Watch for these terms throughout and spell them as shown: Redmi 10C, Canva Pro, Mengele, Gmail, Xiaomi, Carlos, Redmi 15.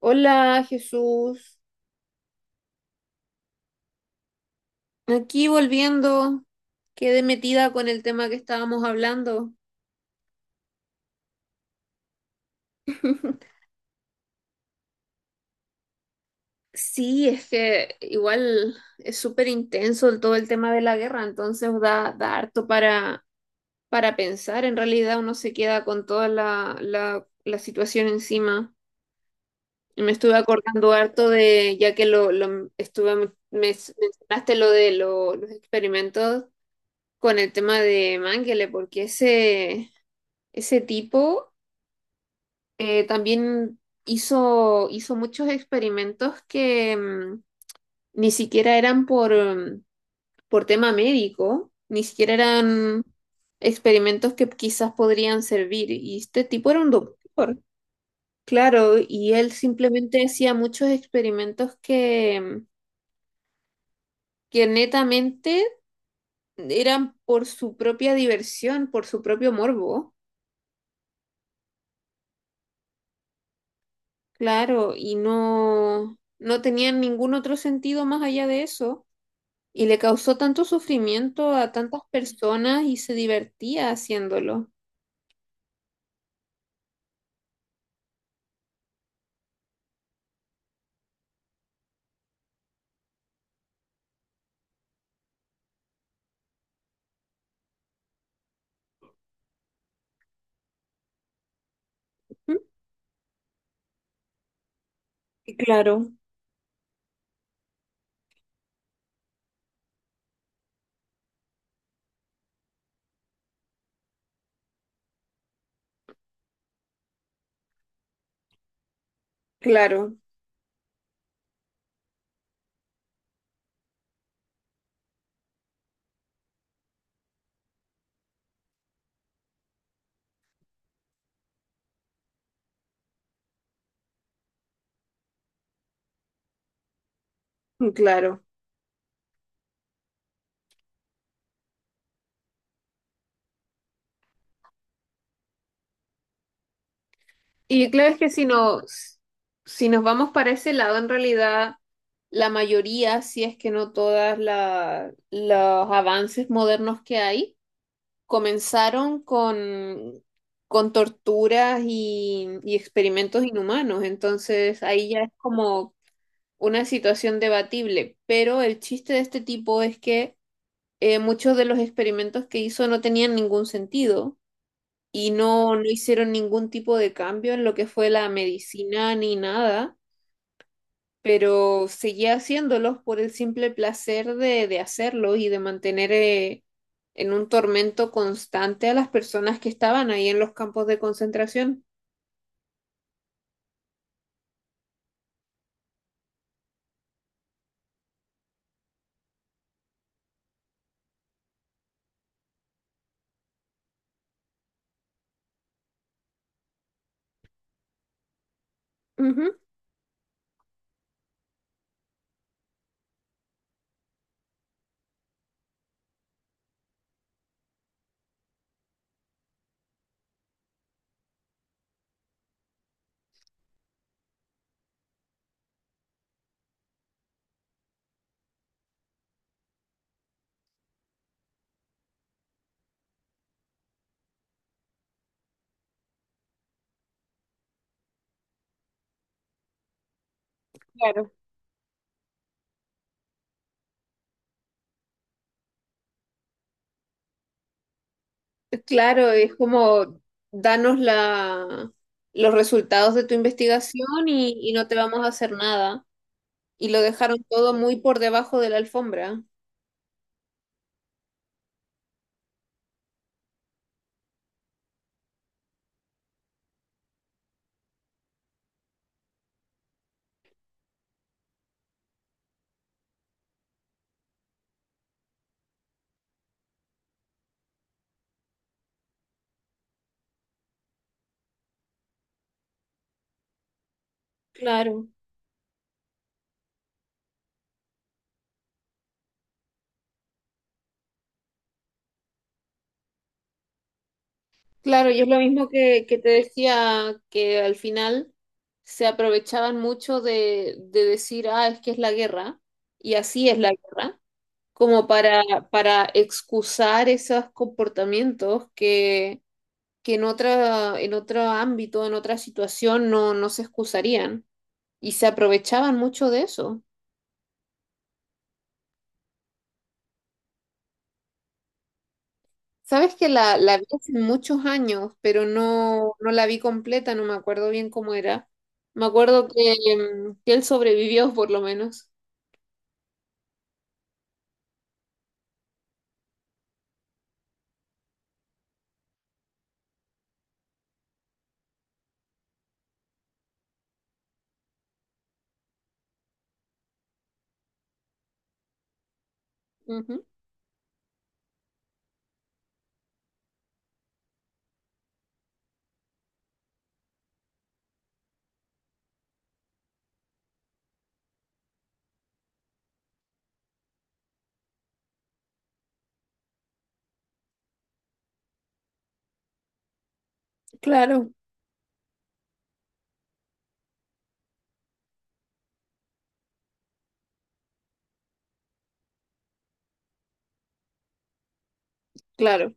Hola Jesús, aquí volviendo, quedé metida con el tema que estábamos hablando. Sí, es que igual es súper intenso todo el tema de la guerra, entonces da harto para pensar, en realidad uno se queda con toda la situación encima. Y me estuve acordando harto de, ya que me mencionaste lo de los experimentos con el tema de Mengele, porque ese tipo... También hizo muchos experimentos que ni siquiera eran por, por tema médico, ni siquiera eran experimentos que quizás podrían servir. Y este tipo era un doctor, claro, y él simplemente hacía muchos experimentos que, que netamente eran por su propia diversión, por su propio morbo, claro, y no tenían ningún otro sentido más allá de eso. Y le causó tanto sufrimiento a tantas personas y se divertía haciéndolo. ¿Mm? Y claro, claro, claro. Y claro es que si no, si nos vamos para ese lado, en realidad, la mayoría, si es que no todas los avances modernos que hay, comenzaron con torturas y experimentos inhumanos. Entonces ahí ya es como una situación debatible, pero el chiste de este tipo es que muchos de los experimentos que hizo no tenían ningún sentido y no hicieron ningún tipo de cambio en lo que fue la medicina ni nada, pero seguía haciéndolos por el simple placer de hacerlo y de mantener en un tormento constante a las personas que estaban ahí en los campos de concentración. Ujú, claro. Claro, es como danos la, los resultados de tu investigación y no te vamos a hacer nada. Y lo dejaron todo muy por debajo de la alfombra. Claro, claro, y es lo mismo que te decía, que al final se aprovechaban mucho de decir, ah, es que es la guerra, y así es la guerra, como para excusar esos comportamientos que en otra, en otro ámbito, en otra situación, no se excusarían y se aprovechaban mucho de eso. Sabes que la vi hace muchos años, pero no la vi completa, no me acuerdo bien cómo era. Me acuerdo que, que él sobrevivió por lo menos. Ujú. Claro, claro.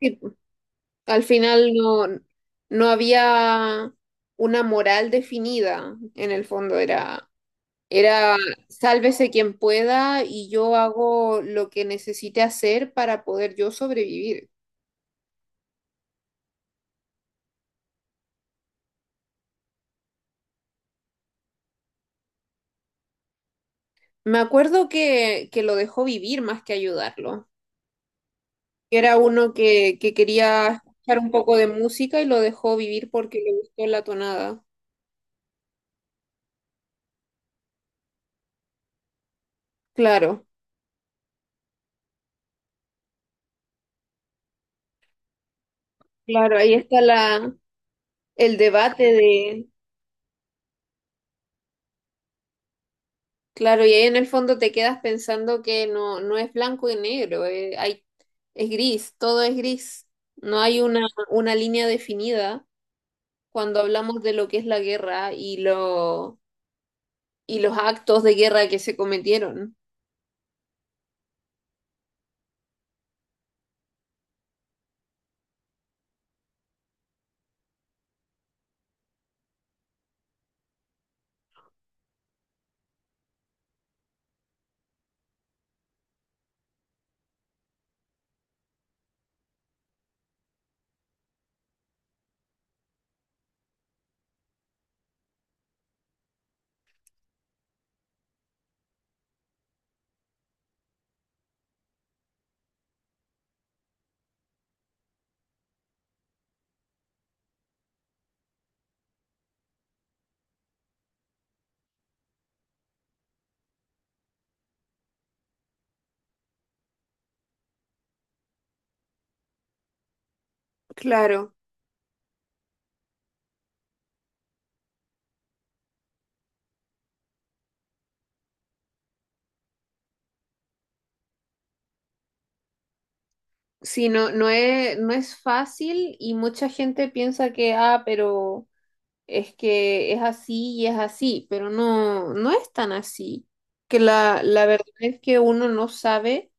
Sí, al final no había una moral definida, en el fondo era. Era sálvese quien pueda y yo hago lo que necesite hacer para poder yo sobrevivir. Me acuerdo que lo dejó vivir más que ayudarlo. Era uno que quería escuchar un poco de música y lo dejó vivir porque le gustó la tonada. Claro, claro, ahí está la, el debate de... Claro, y ahí en el fondo te quedas pensando que no, no es blanco y negro, hay, es gris, todo es gris. No hay una línea definida cuando hablamos de lo que es la guerra y lo y los actos de guerra que se cometieron. Claro. Sí, no es fácil y mucha gente piensa que, ah, pero es que es así y es así, pero no es tan así. Que la verdad es que uno no sabe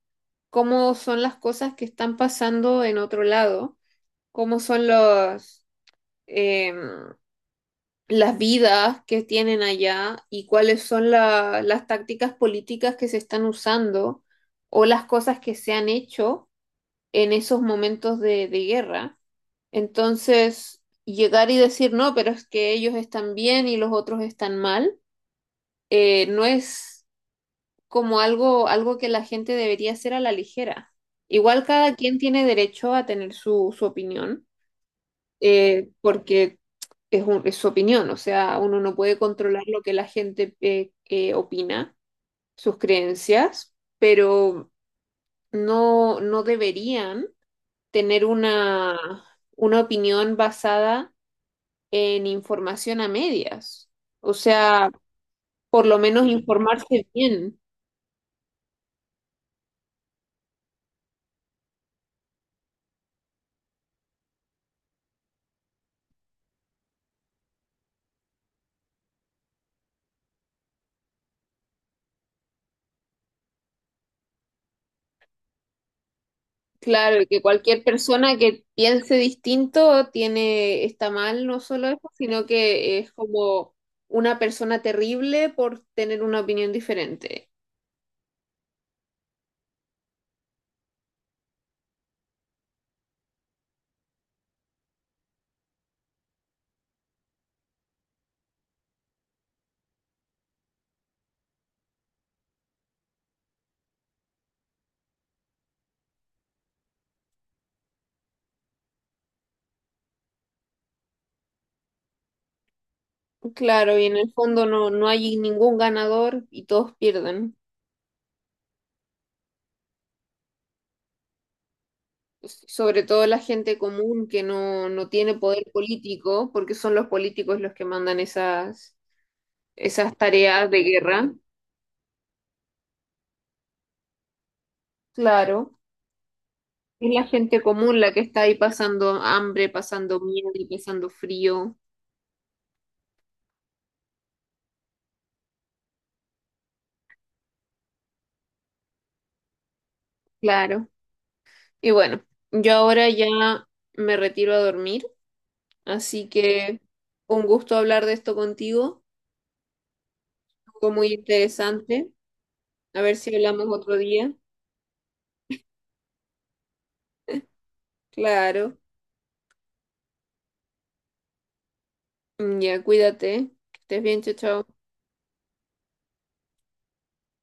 cómo son las cosas que están pasando en otro lado, cómo son los, em, las vidas que tienen allá y cuáles son las tácticas políticas que se están usando o las cosas que se han hecho en esos momentos de guerra. Entonces, llegar y decir, no, pero es que ellos están bien y los otros están mal, no es como algo, algo que la gente debería hacer a la ligera. Igual cada quien tiene derecho a tener su, su opinión, porque es, es su opinión, o sea, uno no puede controlar lo que la gente opina, sus creencias, pero no deberían tener una opinión basada en información a medias. O sea, por lo menos informarse bien. Claro, y que cualquier persona que piense distinto tiene, está mal, no solo eso, sino que es como una persona terrible por tener una opinión diferente. Claro, y en el fondo no hay ningún ganador y todos pierden. Sobre todo la gente común que no tiene poder político, porque son los políticos los que mandan esas, esas tareas de guerra. Claro. Es la gente común la que está ahí pasando hambre, pasando miedo y pasando frío. Claro. Y bueno, yo ahora ya me retiro a dormir, así que un gusto hablar de esto contigo. Fue muy interesante. A ver si hablamos otro día. Claro, mm, ya cuídate, que estés bien, chao, chao.